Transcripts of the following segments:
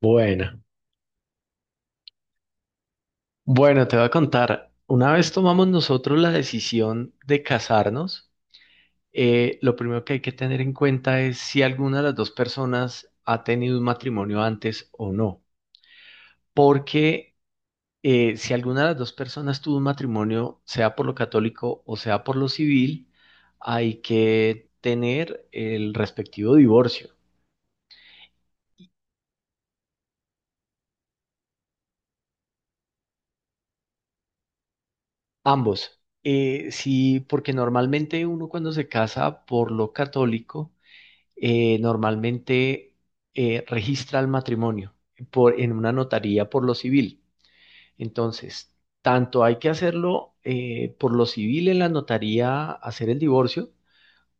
Bueno, bueno, te voy a contar. Una vez tomamos nosotros la decisión de casarnos, lo primero que hay que tener en cuenta es si alguna de las dos personas ha tenido un matrimonio antes o no. Porque si alguna de las dos personas tuvo un matrimonio, sea por lo católico o sea por lo civil, hay que tener el respectivo divorcio. Ambos. Sí, porque normalmente uno cuando se casa por lo católico, normalmente registra el matrimonio en una notaría por lo civil. Entonces, tanto hay que hacerlo por lo civil en la notaría, hacer el divorcio,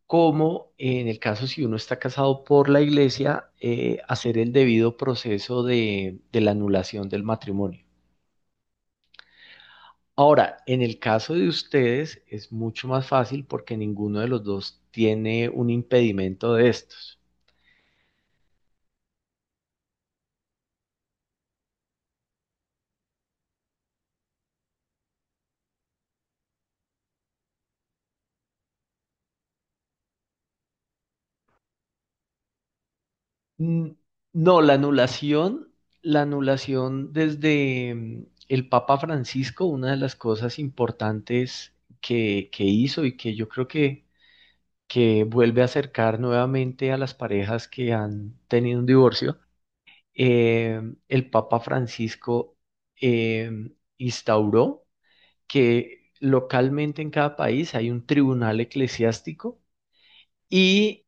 como en el caso si uno está casado por la iglesia, hacer el debido proceso de la anulación del matrimonio. Ahora, en el caso de ustedes es mucho más fácil porque ninguno de los dos tiene un impedimento de estos. Mm, no, la anulación desde el Papa Francisco, una de las cosas importantes que hizo y que yo creo que vuelve a acercar nuevamente a las parejas que han tenido un divorcio, eh, el Papa Francisco eh, instauró que localmente en cada país hay un tribunal eclesiástico y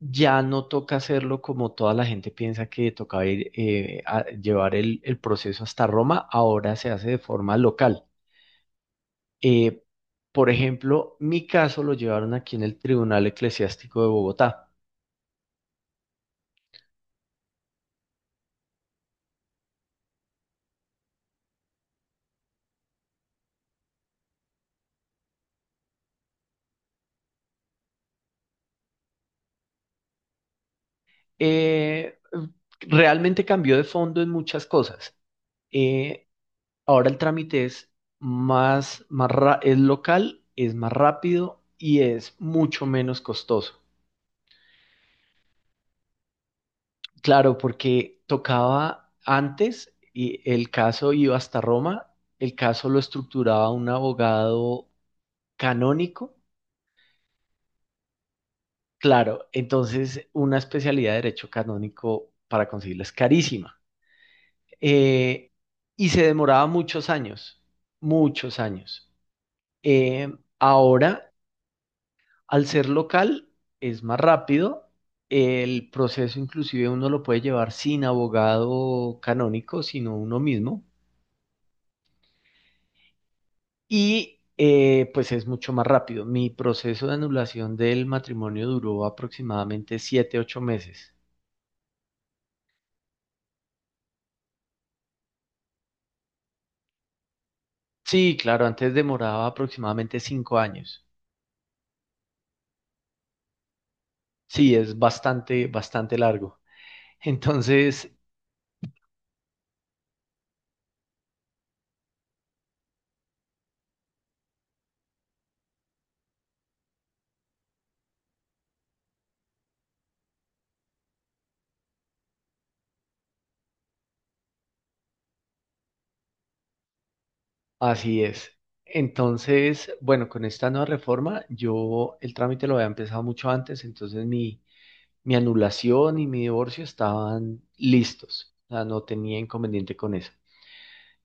ya no toca hacerlo como toda la gente piensa que tocaba ir, a llevar el proceso hasta Roma, ahora se hace de forma local. Eh, por ejemplo, mi caso lo llevaron aquí en el Tribunal Eclesiástico de Bogotá. Eh, Realmente cambió de fondo en muchas cosas. Eh, Ahora el trámite es es local, es más rápido y es mucho menos costoso. Claro, porque tocaba antes y el caso iba hasta Roma, el caso lo estructuraba un abogado canónico. Claro, entonces una especialidad de derecho canónico para conseguirla es carísima. Eh, y se demoraba muchos años, muchos años. Eh, Ahora, al ser local, es más rápido. El proceso inclusive uno lo puede llevar sin abogado canónico, sino uno mismo. Y pues es mucho más rápido. Mi proceso de anulación del matrimonio duró aproximadamente 7, 8 meses. Sí, claro, antes demoraba aproximadamente 5 años. Sí, es bastante, bastante largo. Entonces, así es. Entonces, bueno, con esta nueva reforma, yo el trámite lo había empezado mucho antes, mi anulación y mi divorcio estaban listos. O sea, no tenía inconveniente con eso.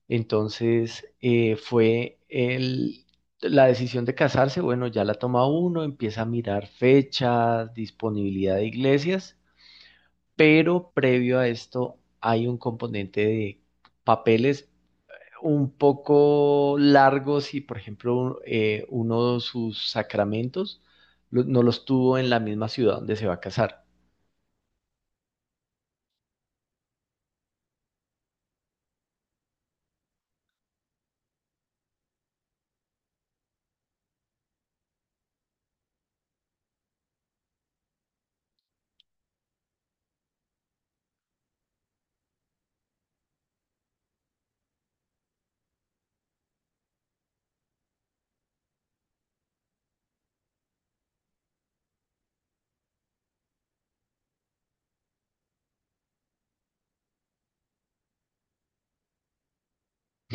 Entonces, la decisión de casarse, bueno, ya la toma uno, empieza a mirar fechas, disponibilidad de iglesias, pero previo a esto hay un componente de papeles un poco largos y, por ejemplo, uno de sus sacramentos no los tuvo en la misma ciudad donde se va a casar.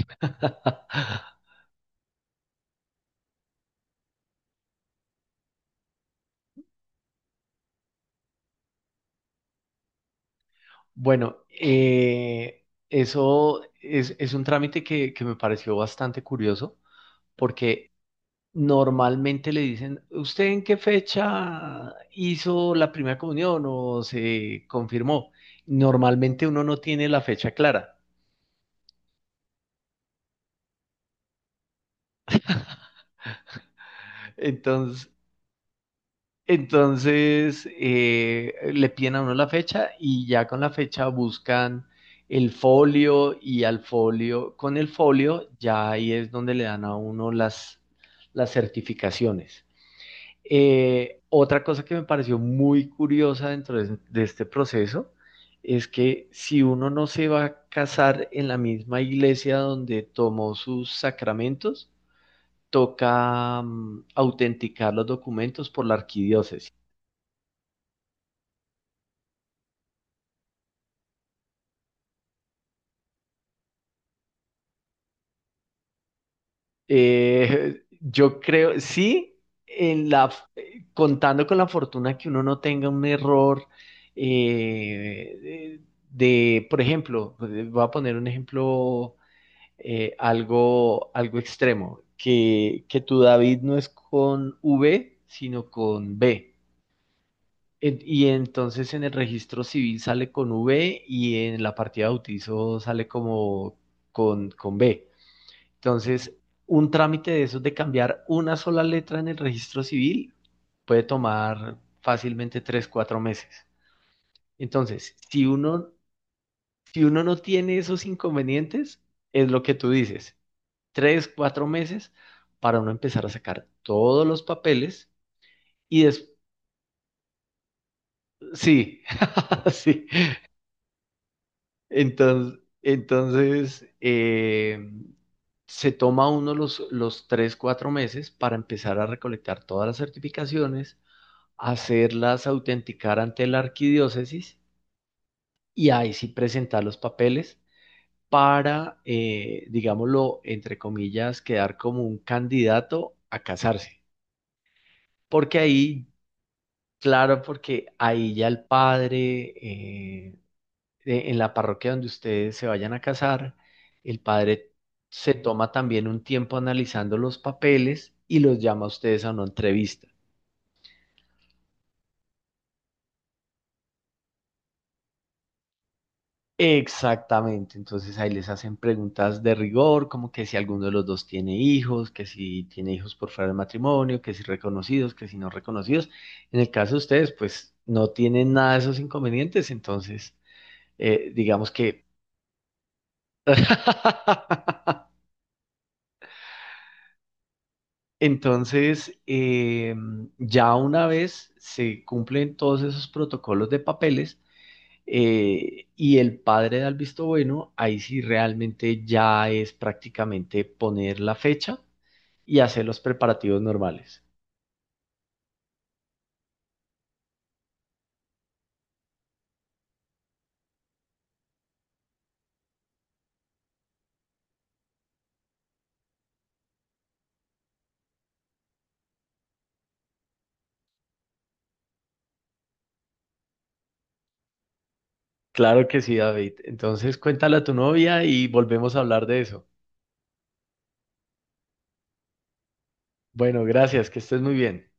Bueno, es un trámite que me pareció bastante curioso. Porque normalmente le dicen, ¿usted en qué fecha hizo la primera comunión o se confirmó? Normalmente uno no tiene la fecha clara. Entonces, entonces, le piden a uno la fecha y ya con la fecha buscan el folio y al folio, con el folio ya ahí es donde le dan a uno las certificaciones. Otra cosa que me pareció muy curiosa dentro de este proceso es que si uno no se va a casar en la misma iglesia donde tomó sus sacramentos, toca autenticar los documentos por la arquidiócesis. Yo creo, sí, en contando con la fortuna que uno no tenga un error eh, de, por ejemplo, voy a poner un ejemplo algo, algo extremo, que tu David no es con V, sino con B. Y entonces en el registro civil sale con V y en la partida de bautizo sale como con B. Entonces, un trámite de esos de cambiar una sola letra en el registro civil puede tomar fácilmente 3, 4 meses. Entonces, si uno no tiene esos inconvenientes, es lo que tú dices. 3, 4 meses para uno empezar a sacar todos los papeles y después, sí, sí. Entonces, se toma uno los 3, 4 meses para empezar a recolectar todas las certificaciones, hacerlas autenticar ante la arquidiócesis y ahí sí presentar los papeles para, digámoslo, entre comillas, quedar como un candidato a casarse. Porque ahí, claro, porque ahí ya el padre, en la parroquia donde ustedes se vayan a casar, el padre se toma también un tiempo analizando los papeles y los llama a ustedes a una entrevista. Exactamente, entonces ahí les hacen preguntas de rigor, como que si alguno de los dos tiene hijos, que si tiene hijos por fuera del matrimonio, que si reconocidos, que si no reconocidos. En el caso de ustedes, pues no tienen nada de esos inconvenientes, entonces digamos que... Entonces, ya una vez se cumplen todos esos protocolos de papeles y el padre da el visto bueno, ahí sí realmente ya es prácticamente poner la fecha y hacer los preparativos normales. Claro que sí, David. Entonces, cuéntale a tu novia y volvemos a hablar de eso. Bueno, gracias, que estés muy bien.